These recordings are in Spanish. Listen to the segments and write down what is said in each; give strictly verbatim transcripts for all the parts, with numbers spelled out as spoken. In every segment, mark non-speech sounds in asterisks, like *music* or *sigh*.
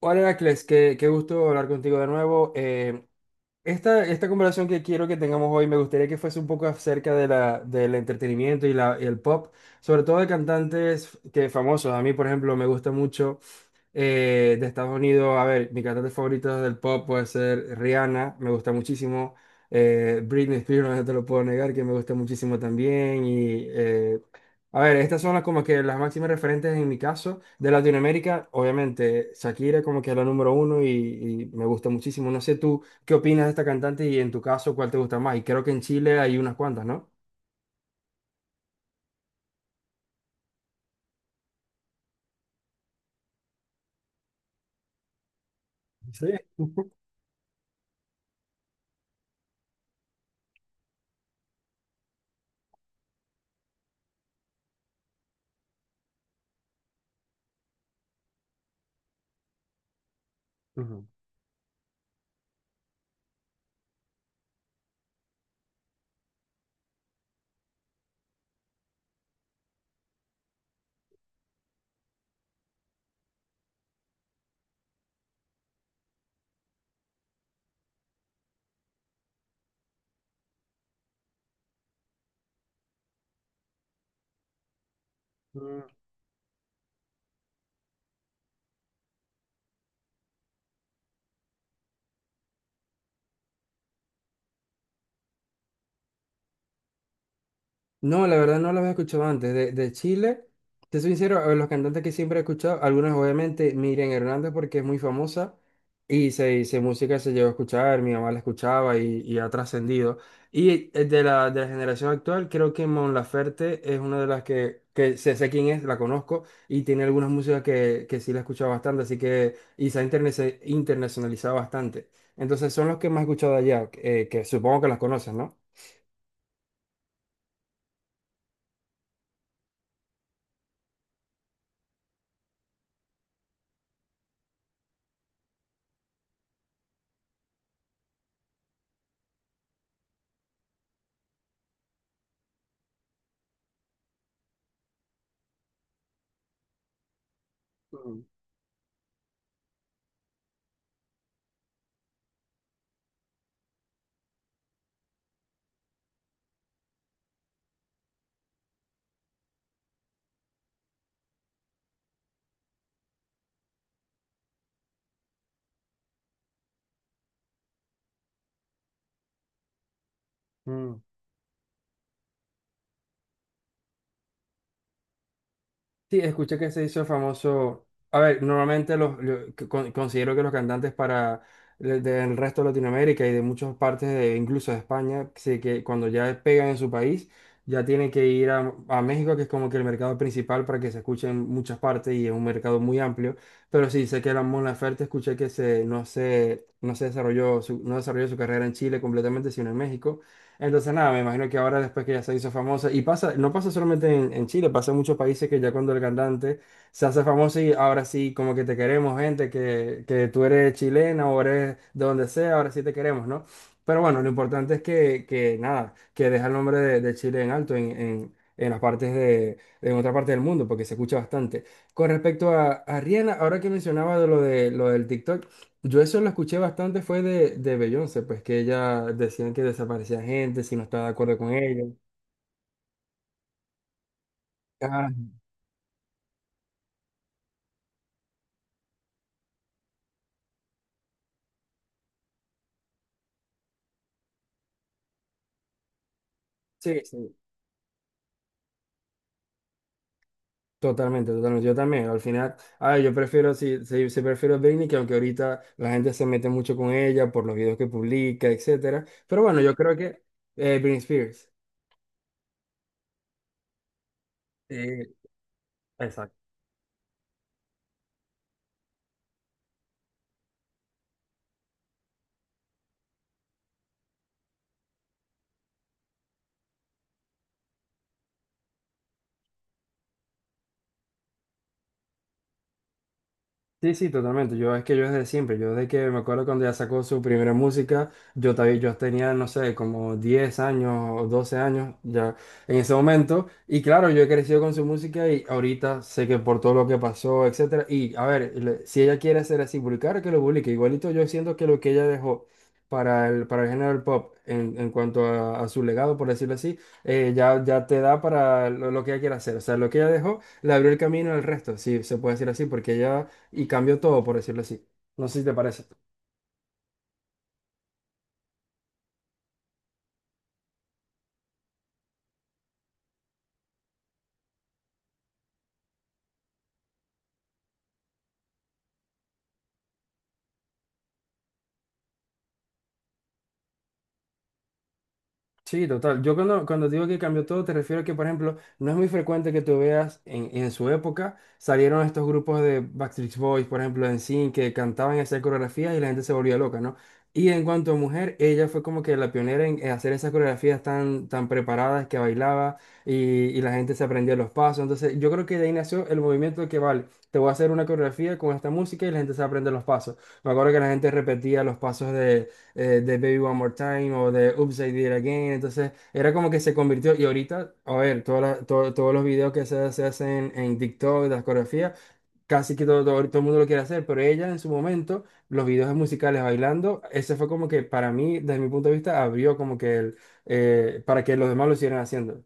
Hola, Heracles, qué, qué gusto hablar contigo de nuevo. Eh, esta, esta conversación que quiero que tengamos hoy me gustaría que fuese un poco acerca de la, del entretenimiento y, la, y el pop, sobre todo de cantantes que, famosos. A mí, por ejemplo, me gusta mucho. Eh, de Estados Unidos, a ver, mi cantante favorito del pop puede ser Rihanna, me gusta muchísimo. Eh, Britney Spears, no te lo puedo negar, que me gusta muchísimo también. Y, eh, a ver, estas son las, como que las máximas referentes en mi caso. De Latinoamérica, obviamente, Shakira como que es la número uno y, y me gusta muchísimo. No sé tú, ¿qué opinas de esta cantante y en tu caso, cuál te gusta más? Y creo que en Chile hay unas cuantas, ¿no? Sí. *laughs* Ujú. No, la verdad no los había escuchado antes. De, de Chile, te soy sincero, a los cantantes que siempre he escuchado, algunos obviamente Miriam Hernández porque es muy famosa y se hizo música, se llegó a escuchar, mi mamá la escuchaba y, y ha trascendido. Y eh, de la, de la generación actual, creo que Mon Laferte es una de las que, que sé, sé quién es, la conozco y tiene algunas músicas que, que sí la he escuchado bastante, así que y se ha interne- se- internacionalizado bastante. Entonces son los que más he escuchado allá, eh, que supongo que las conoces, ¿no? Mm, mm. Sí, escuché que se hizo famoso. A ver, normalmente los, lo- que con- considero que los cantantes para le- del resto de Latinoamérica y de muchas partes, de, incluso de España, sí que cuando ya pegan en su país, ya tienen que ir a, a México, que es como que el mercado principal para que se escuche en muchas partes y es un mercado muy amplio. Pero sí, sé que la Mon Laferte escuché que se, no se, no se desarrolló su, no desarrolló su carrera en Chile completamente, sino en México. Entonces, nada, me imagino que ahora después que ya se hizo famosa, y pasa, no pasa solamente en, en Chile, pasa en muchos países que ya cuando el cantante se hace famoso y ahora sí, como que te queremos, gente, que, que tú eres chilena o eres de donde sea, ahora sí te queremos, ¿no? Pero bueno, lo importante es que, que nada, que deja el nombre de, de Chile en alto en, en, en las partes de, en otra parte del mundo, porque se escucha bastante. Con respecto a, a Rihanna, ahora que mencionaba de lo, de, lo del TikTok. Yo eso lo escuché bastante fue de, de Beyoncé, pues que ella decían que desaparecía gente si no estaba de acuerdo con ella. Ah, sí, sí. Totalmente, totalmente. Yo también. Al final, ah, yo prefiero, sí, sí, sí prefiero Britney, que aunque ahorita la gente se mete mucho con ella por los videos que publica, etcétera. Pero bueno, yo creo que eh, Britney Spears. Sí, exacto. Sí, sí, totalmente. Yo es que yo desde siempre, yo desde que me acuerdo cuando ella sacó su primera música, yo, ta- yo tenía, no sé, como diez años o doce años ya en ese momento. Y claro, yo he crecido con su música y ahorita sé que por todo lo que pasó, etcétera. Y a ver, le- si ella quiere ser así, publicar, que lo publique. Igualito yo siento que lo que ella dejó para el, para el género del pop en, en cuanto a, a su legado, por decirlo así, eh, ya, ya te da para lo, lo que ella quiere hacer. O sea, lo que ella dejó le abrió el camino al resto, si se puede decir así, porque ella y cambió todo, por decirlo así. No sé si te parece. Sí, total. Yo cuando, cuando digo que cambió todo, te refiero a que, por ejemplo, no es muy frecuente que tú veas en, en su época salieron estos grupos de Backstreet Boys, por ejemplo, en NSYNC, que cantaban esas coreografías y la gente se volvía loca, ¿no? Y en cuanto a mujer, ella fue como que la pionera en en hacer esas coreografías tan, tan preparadas que bailaba y, y la gente se aprendía los pasos. Entonces, yo creo que de ahí nació el movimiento que, vale, te voy a hacer una coreografía con esta música y la gente se aprende los pasos. Me acuerdo que la gente repetía los pasos de, eh, de Baby One More Time o de Oops, I Did It Again. Entonces, era como que se convirtió. Y ahorita, a ver, toda la- to- todos los videos que se, se hacen en TikTok, las coreografías, casi que todo, todo, todo el mundo lo quiere hacer, pero ella en su momento, los videos musicales bailando, ese fue como que para mí, desde mi punto de vista, abrió como que el, eh, para que los demás lo siguieran haciendo.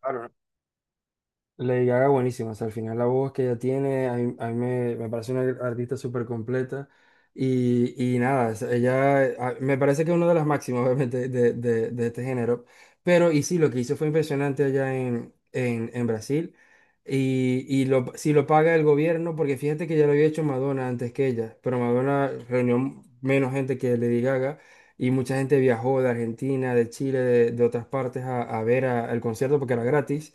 Claro. Lady Gaga buenísima, o sea, al final la voz que ella tiene, a mí, a mí me, me parece una artista súper completa y, y nada, o sea, ella eh, a- me parece que es una de las máximas *laughs* obviamente de, de- de este género, pero y sí, lo que hizo fue impresionante allá en, en, en Brasil y, y lo, si lo paga el gobierno, porque fíjate que ya lo había hecho Madonna antes que ella, pero Madonna reunió menos gente que Lady Gaga y mucha gente viajó de Argentina, de Chile, de, de otras partes a, a ver a- al concierto porque era gratis.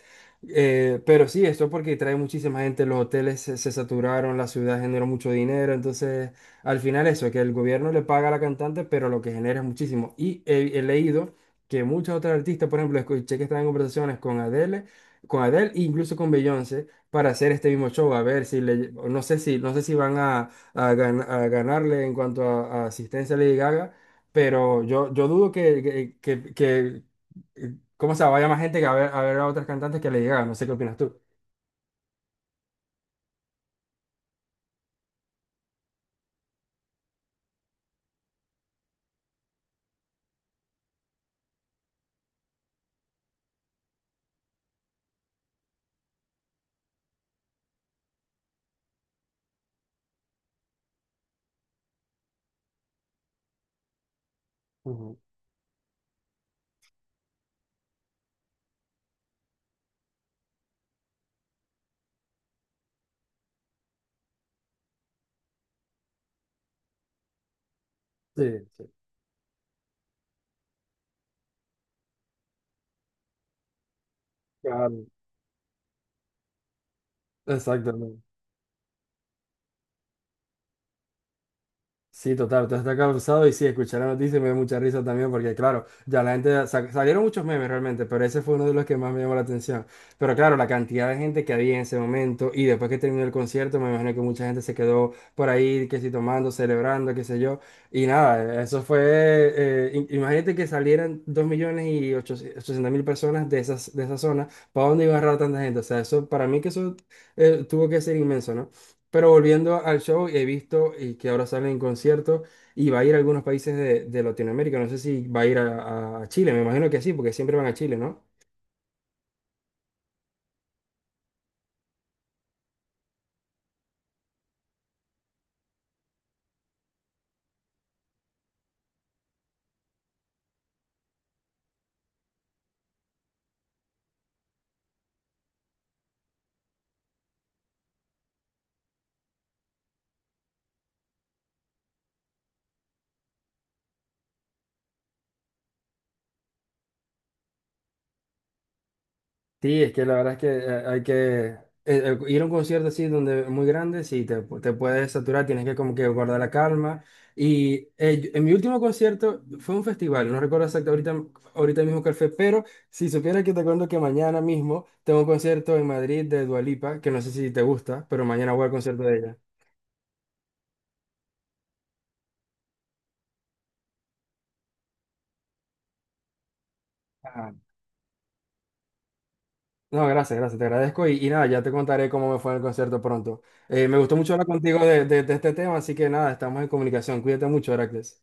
Eh, pero sí, esto porque trae muchísima gente, los hoteles se, se saturaron, la ciudad generó mucho dinero, entonces al final eso, que el gobierno le paga a la cantante, pero lo que genera es muchísimo. Y he, he leído que muchas otras artistas, por ejemplo, escuché que están en conversaciones con Adele, con Adele e incluso con Beyoncé para hacer este mismo show, a ver si le, no sé si, no sé si van a, a gan- a ganarle en cuanto a, a asistencia a Lady Gaga, pero yo, yo dudo que, que, que que- ¿cómo se vaya más gente que a ver, a ver a otras cantantes que le llegaron? No sé qué opinas tú. Ujú. Sí, sí, claro, exactamente. Sí, total, entonces está causado y sí, escuchar la noticia me da mucha risa también porque claro, ya la gente, sa- salieron muchos memes realmente, pero ese fue uno de los que más me llamó la atención. Pero claro, la cantidad de gente que había en ese momento y después que terminó el concierto, me imagino que mucha gente se quedó por ahí, que si tomando, celebrando, qué sé yo. Y nada, eso fue, eh, im- imagínate que salieran dos millones y ochocientos mil personas de esas, de esa zona, ¿para dónde iba a agarrar tanta gente? O sea, eso, para mí que eso eh, tuvo que ser inmenso, ¿no? Pero volviendo al show, he visto y que ahora sale en concierto y va a ir a algunos países de, de Latinoamérica. No sé si va a ir a, a Chile, me imagino que sí, porque siempre van a Chile, ¿no? Sí, es que la verdad es que eh, hay que eh, eh, ir a un concierto así donde muy grande, sí, te, pu- te puedes saturar, tienes que como que guardar la calma. Y eh, yo- en mi último concierto fue un festival, no recuerdo exacto ahorita, ahorita mismo cuál fue, pero si supiera que te cuento que mañana mismo tengo un concierto en Madrid de Dua Lipa, que no sé si te gusta, pero mañana voy al concierto de ella. No, gracias, gracias, te agradezco y, y nada, ya te contaré cómo me fue en el concierto pronto. Eh, me gustó mucho hablar contigo de, de de este tema, así que nada, estamos en comunicación. Cuídate mucho, Heracles.